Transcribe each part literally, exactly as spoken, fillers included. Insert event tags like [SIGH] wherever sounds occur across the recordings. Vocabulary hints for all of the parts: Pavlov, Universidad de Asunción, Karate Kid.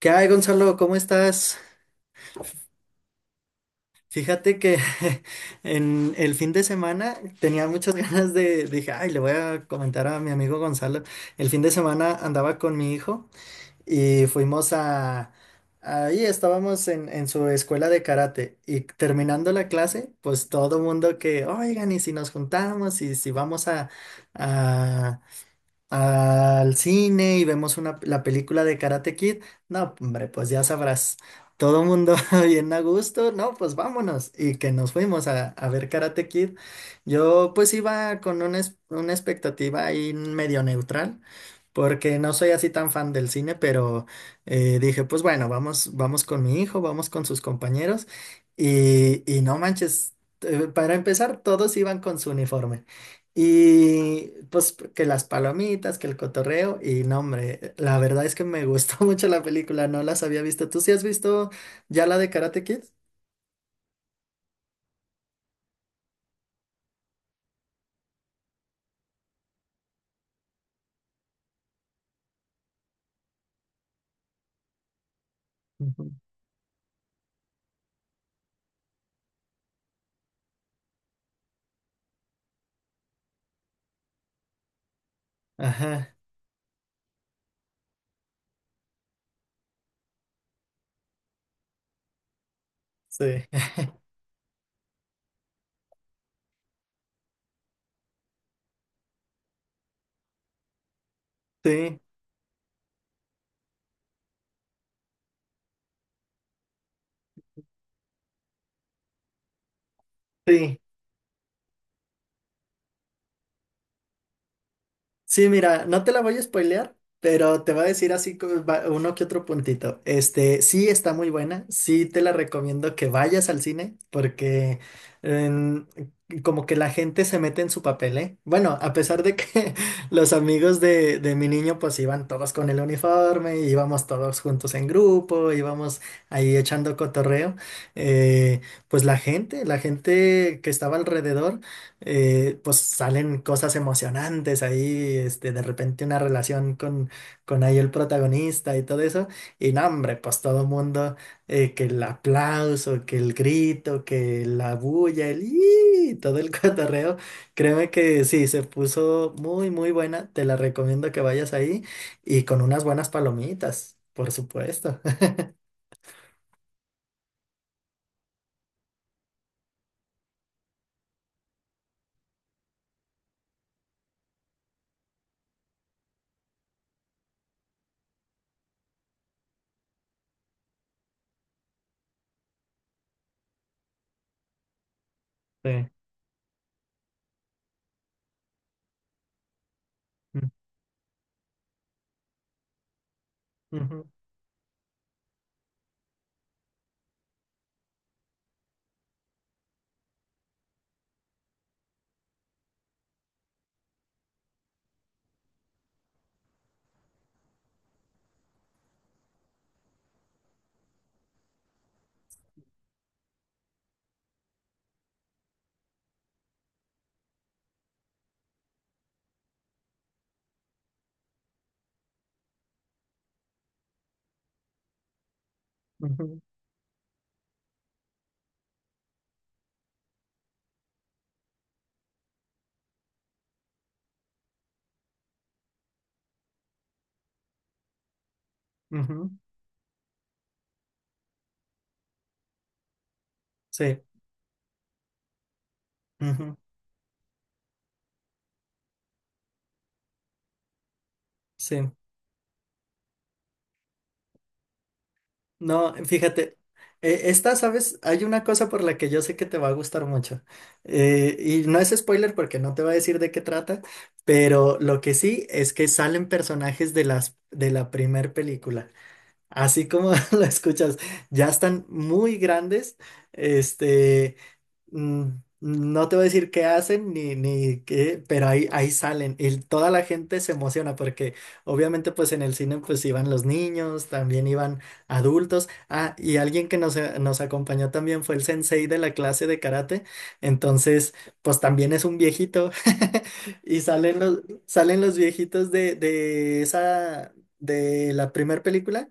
¿Qué hay, Gonzalo? ¿Cómo estás? Fíjate que [LAUGHS] en el fin de semana tenía muchas [LAUGHS] ganas de, dije, ay, le voy a comentar a mi amigo Gonzalo. El fin de semana andaba con mi hijo y fuimos a, ahí estábamos en, en su escuela de karate, y terminando la clase, pues todo mundo que, oigan, y si nos juntamos y si vamos a, al cine y vemos una, la película de Karate Kid. No, hombre, pues ya sabrás, todo el mundo [LAUGHS] bien a gusto, no, pues vámonos, y que nos fuimos a, a ver Karate Kid. Yo pues iba con una, es- una expectativa ahí medio neutral, porque no soy así tan fan del cine, pero eh, dije, pues bueno, vamos, vamos con mi hijo, vamos con sus compañeros, y, y no manches, eh, para empezar, todos iban con su uniforme. Y pues que las palomitas, que el cotorreo, y no, hombre, la verdad es que me gustó [LAUGHS] mucho la película, no las había visto. ¿Tú sí has visto ya la de Karate Kid? Ujú. Ajá, sí, [LAUGHS] sí, sí. Sí, mira, no te la voy a spoilear, pero te voy a decir así como va- uno que otro puntito. Este, sí está muy buena, sí te la recomiendo que vayas al cine porque em, como que la gente se mete en su papel, ¿eh? Bueno, a pesar de que [LAUGHS] los amigos de, de mi niño pues iban todos con el uniforme, íbamos todos juntos en grupo, íbamos ahí echando cotorreo, eh, pues la gente, la gente que estaba alrededor, eh, pues salen cosas emocionantes ahí, este, de repente una relación con, con ahí el protagonista y todo eso, y no, hombre, pues todo mundo, eh, que el aplauso, que el grito, que la bulla, el ¡ih! Todo el [LAUGHS] cotorreo, créeme que sí, se puso muy, muy buena, te la recomiendo que vayas ahí y con unas buenas palomitas, por supuesto. [LAUGHS] Sí. Mm, ujú, ujú, ujú, sí, ujú, sí. No, fíjate, eh, esta, ¿sabes? Hay una cosa por la que yo sé que te va a gustar mucho. Eh, y no es spoiler porque no te va a decir de qué trata, pero lo que sí es que salen personajes de las, de la primer película. Así como [LAUGHS] lo escuchas, ya están muy grandes, este. Mm, no te voy a decir qué hacen ni, ni qué, pero ahí, ahí salen y toda la gente se emociona porque obviamente pues en el cine pues iban los niños, también iban adultos. Ah, y alguien que nos, eh, nos acompañó también fue el sensei de la clase de karate, entonces pues también es un viejito [LAUGHS] y salen los, salen los viejitos de, de esa, de la primera película,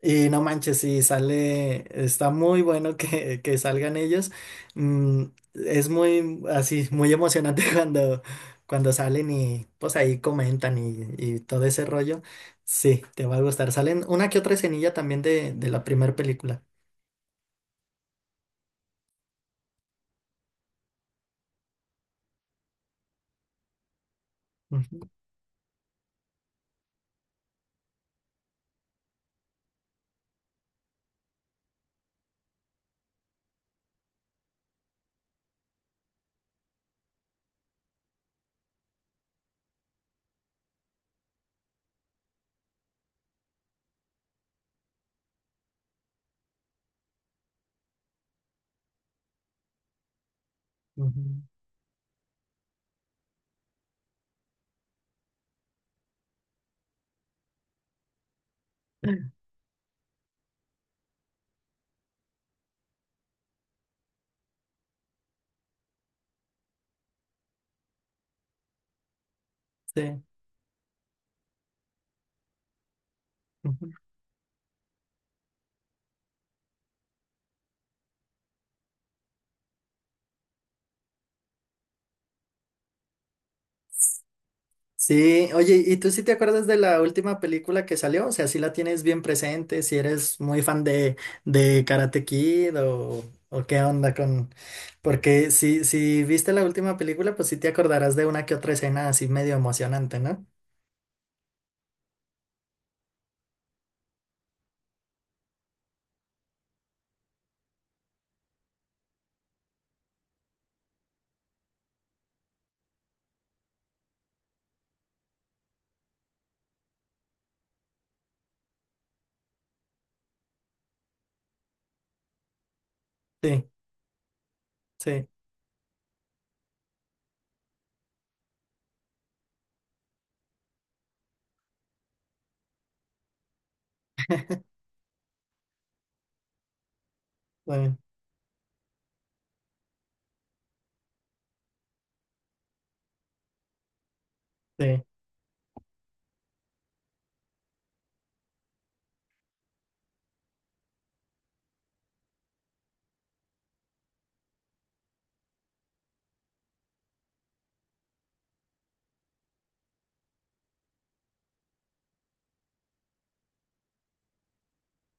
y no manches, sí, sale, está muy bueno que, que salgan ellos. Mm, es muy, así, muy emocionante [LAUGHS] cuando, cuando salen y pues ahí comentan y, y todo ese rollo. Sí, te va a gustar. Salen una que otra escenilla también de, de la primera película. Ujú, ujú. [LAUGHS] Sí. Sí, oye, ¿y tú sí te acuerdas de la última película que salió? O sea, si la tienes bien presente, si eres muy fan de, de Karate Kid o, o qué onda con... Porque si, si viste la última película, pues sí te acordarás de una que otra escena así medio emocionante, ¿no? Sí, sí, sí, sí,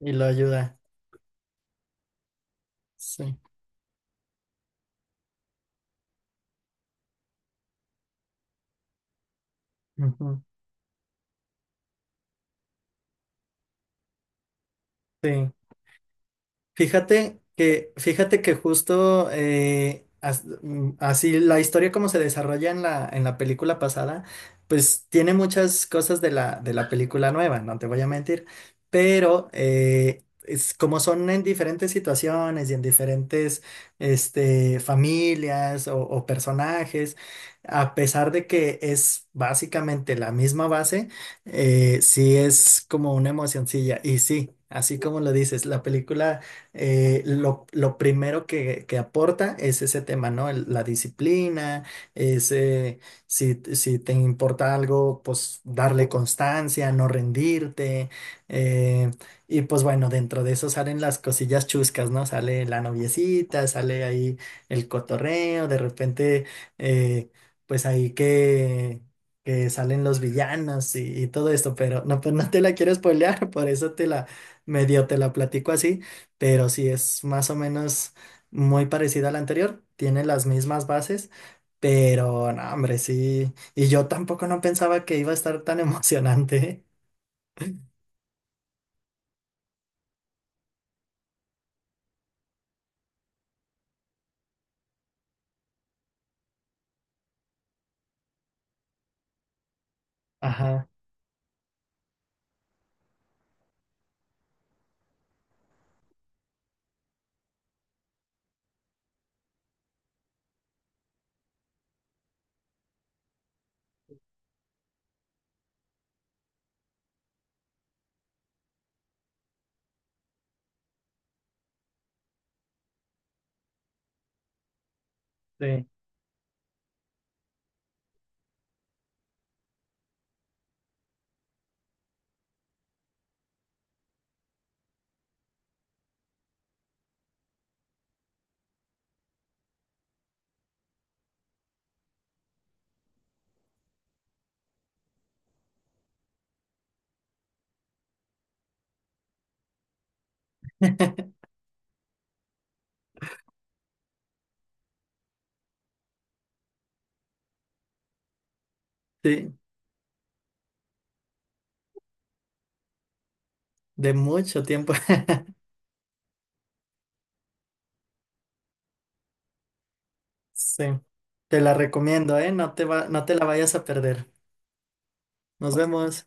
y lo ayuda, sí, ujú, sí. Fíjate que, fíjate que justo eh, as- mm, así la historia como se desarrolla en la, en la película pasada, pues tiene muchas cosas de la, de la película nueva, no te voy a mentir, pero eh, es, como son en diferentes situaciones y en diferentes este, familias o, o personajes, a pesar de que es básicamente la misma base, eh, sí es como una emocioncilla y sí. Así como lo dices, la película, eh, lo, lo primero que, que aporta es ese tema, ¿no? El- la disciplina, ese, si, si te importa algo, pues darle constancia, no rendirte. eh, y pues bueno, dentro de eso salen las cosillas chuscas, ¿no? Sale la noviecita, sale ahí el cotorreo, de repente, eh, pues ahí que... que salen los villanos y, y todo esto, pero no, pues no te la quiero spoilear, [LAUGHS] por eso te la medio te la platico así, pero sí es más o menos muy parecida a la anterior, tiene las mismas bases, pero no, hombre, sí, y yo tampoco no pensaba que iba a estar tan [LAUGHS] emocionante. ¿Eh? Ajá, sí. Sí, de mucho tiempo. [LAUGHS] Sí, te la recomiendo, ¿eh? No te va, no te la vayas a perder. Nos vemos.